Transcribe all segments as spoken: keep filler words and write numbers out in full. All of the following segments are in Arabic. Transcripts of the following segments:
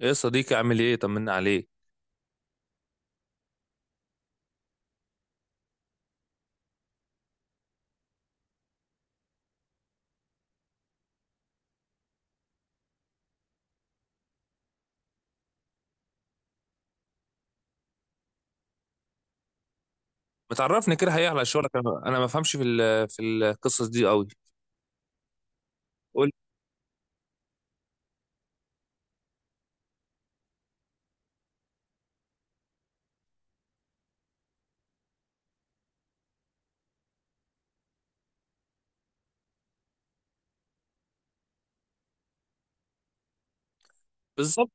ايه يا صديقي، عامل ايه؟ طمنا عليك. ما تعرفني كده حقيقة على شغلك، انا أنا ما بفهمش في ال- في القصص دي قوي. قول لي. بالظبط.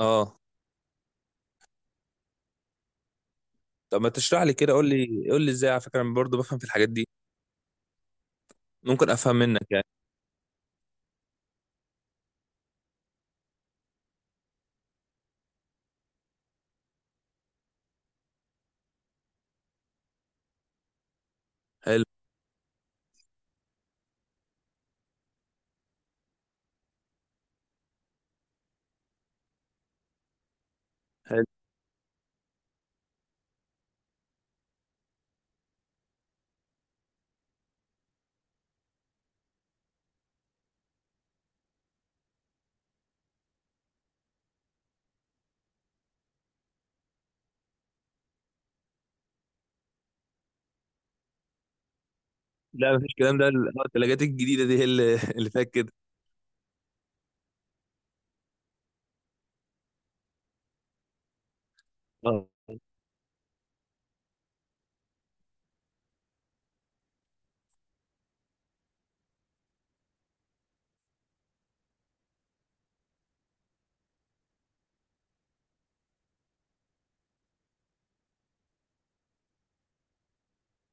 اه. طب ما تشرح لي كده، قول لي قول لي ازاي؟ على فكره انا برضه بفهم في الحاجات دي. ممكن افهم منك يعني. حلو. حلو. لا مفيش كلام ده، ال- آه، الثلاجات الجديده دي هي اللي اللي فيها كده. اه.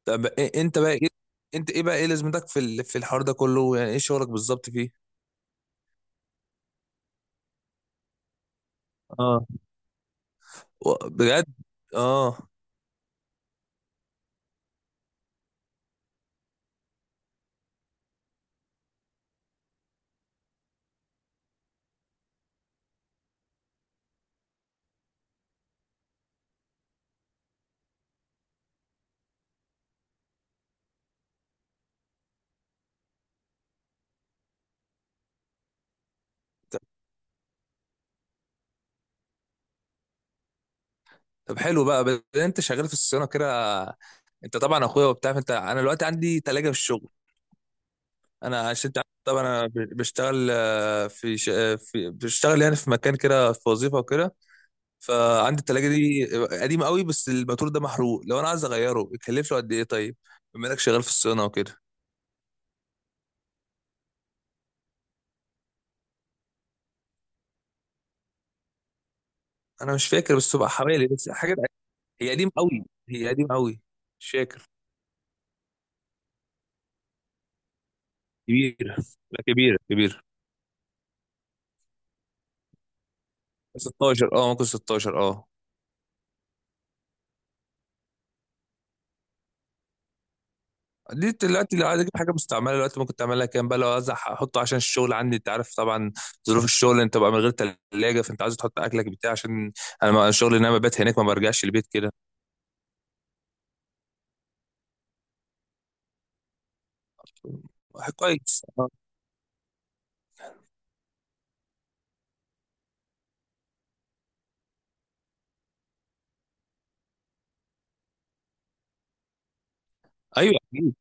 طب إيه انت بقى ايه؟ انت ايه بقى، ايه لازمتك في ال- في الحوار ده كله؟ يعني ايه شغلك بالظبط فيه؟ اه. و- بجد؟ اه. طب حلو بقى، بس انت شغال في الصيانه كده، انت طبعا اخويا وبتاع، فانت انا دلوقتي عندي تلاجة في الشغل. انا عشان انت عارف طبعا انا ب- بشتغل آه، في, ش... آه، في بشتغل يعني في مكان كده، في وظيفه وكده. فعندي التلاجة دي قديمه قوي، بس الماتور ده محروق، لو انا عايز اغيره بيكلف له قد ايه طيب؟ بما انك شغال في الصيانه وكده. انا مش فاكر، بس تبقى حوالي بس حاجه. هي قديمه قوي، هي قديمه قوي. مش فاكر. كبير. لا، كبير كبير. ستاشر اه، ممكن ستاشر اه. دي دلوقتي لو عايز اجيب حاجه مستعمله دلوقتي، ممكن تعملها كام بقى؟ لو عايز احطه عشان الشغل عندي، انت عارف طبعا ظروف الشغل، انت بقى من غير ثلاجه، فانت عايز تحط اكلك بتاع عشان انا ما- الشغل ان انا ببات هناك، ما برجعش البيت كده. كويس آه. ايوه اكيد.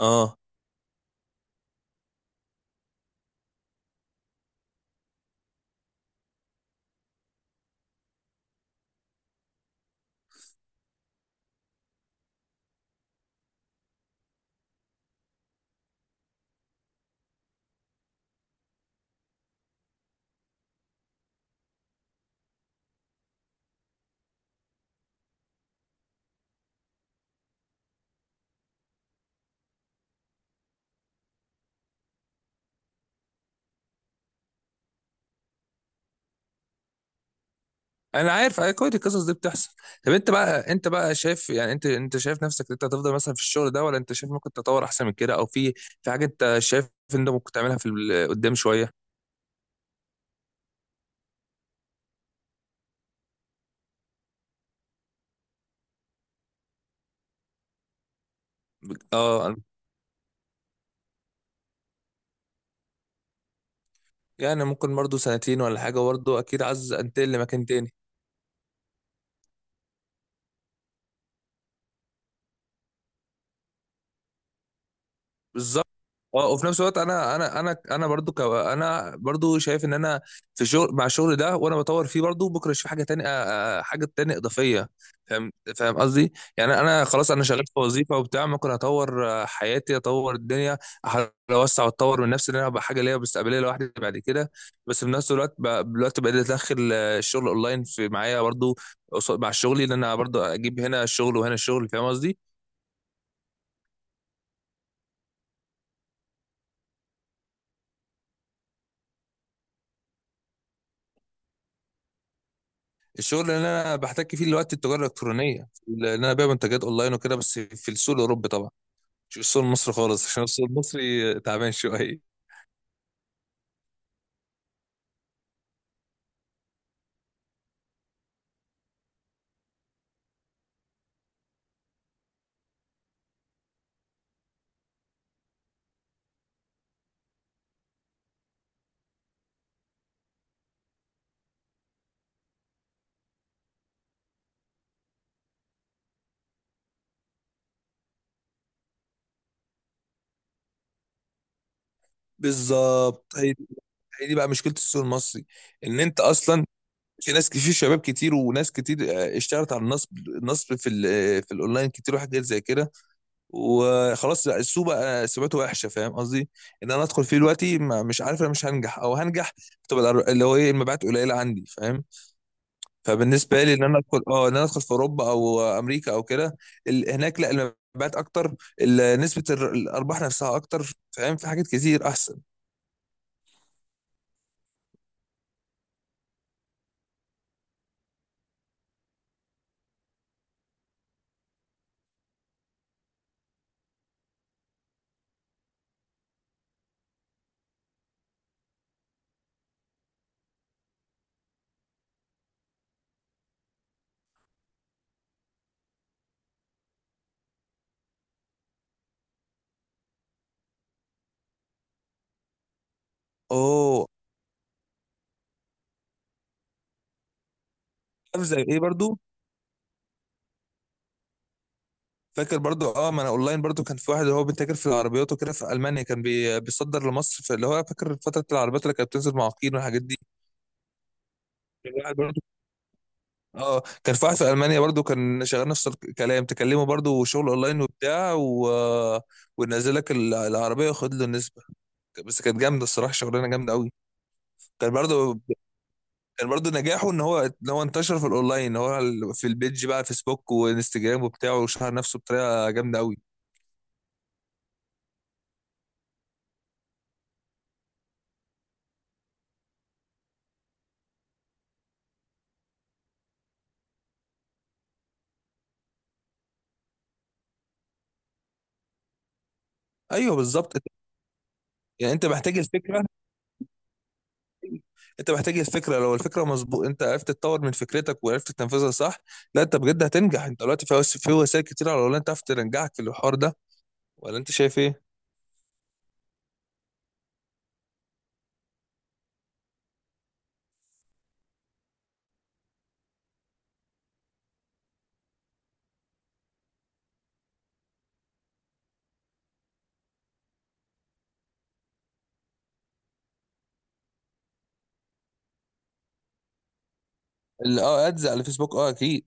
اه. انا عارف، أيوة، كويس، القصص دي بتحصل. طب انت بقى، انت بقى شايف يعني، انت انت شايف نفسك انت هتفضل مثلا في الشغل ده، ولا انت شايف ممكن تطور احسن من كده، او في في حاجه انت شايف ان انت ممكن تعملها في ال- قدام شويه؟ اه. يعني ممكن برضه سنتين ولا حاجه، برضه اكيد عايز انتقل لمكان تاني. بالظبط. اه، وفي نفس الوقت انا انا انا انا برضو كو... انا برضو شايف ان انا في شغل مع الشغل ده، وانا بطور فيه برضو، بكره اشوف حاجه تانية، آه، آه، حاجه تانية اضافيه. فاهم، فاهم قصدي يعني. انا خلاص انا شغال في وظيفه وبتاع، ممكن اطور آه، حياتي، اطور الدنيا، أحاول اوسع واطور من نفسي ان انا ابقى حاجه ليا مستقبليه لوحدي بعد كده. بس في نفس الوقت ب- دلوقتي بقيت ادخل آه، الشغل اونلاين في معايا برضو، قصاد- مع شغلي، ان انا برضو اجيب هنا الشغل وهنا الشغل، فاهم قصدي؟ الشغل اللي انا بحتك فيه دلوقتي التجاره الالكترونيه، اللي انا ببيع منتجات اونلاين وكده، بس في السوق الاوروبي طبعا، مش في السوق المصري خالص، عشان السوق المصري تعبان شويه. بالظبط، هي دي، هي دي بقى مشكله السوق المصري. ان انت اصلا في ناس كتير، شباب كتير وناس كتير آه، اشتغلت على النصب، النصب في ال- آه، في الاونلاين كتير، وحاجات زي كده، وخلاص لا، السوق بقى سمعته وحشه، فاهم قصدي؟ ان انا ادخل فيه دلوقتي، ما- مش عارف انا، مش هنجح او هنجح، تبقى الأر- اللي هو ايه، المبيعات قليله عندي، فاهم؟ فبالنسبه لي ان انا ادخل، اه ان انا ادخل في اوروبا او امريكا او كده، ال- هناك لا، المبيعات اكتر، ال- نسبه الر- الارباح نفسها اكتر، فاهم؟ في حاجات كتير احسن. اوه. عارف زي ايه برضو؟ فاكر برضو اه، ما انا اونلاين برضو، كان في واحد اللي هو بيتاجر في العربيات وكده في المانيا، كان بي بيصدر لمصر، في اللي هو فاكر فتره العربيات اللي كانت بتنزل معاقين والحاجات دي. كان واحد برضو، اه، كان في واحد في المانيا برضو كان شغال نفس الكلام، تكلمه برضو شغل اونلاين وبتاع و... ونزل لك العربيه وخد له النسبه. بس كانت جامده الصراحه، شغلانه جامده قوي. كان برضو، كان برضو نجاحه ان هو، ان هو انتشر في الاونلاين، ان هو ال- في البيج بقى، فيسبوك وانستجرام وبتاعه، وشهر نفسه بطريقه جامده قوي. ايوه بالظبط. يعني انت محتاج الفكره، انت محتاج الفكره، لو الفكره مظبوط انت عرفت تطور من فكرتك وعرفت تنفذها صح، لا انت بجد هتنجح. انت دلوقتي في وس- في وسائل كتير على الاونلاين تعرف تنجحك في الحوار ده، ولا انت شايف ايه؟ ال- اه، ادز على الفيسبوك، اه اكيد.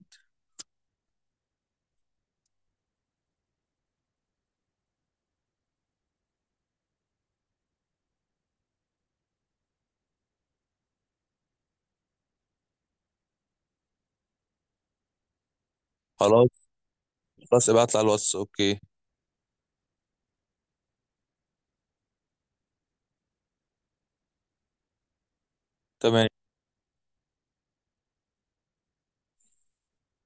خلاص، خلاص ابعت لي على الواتس، اوكي. تمام.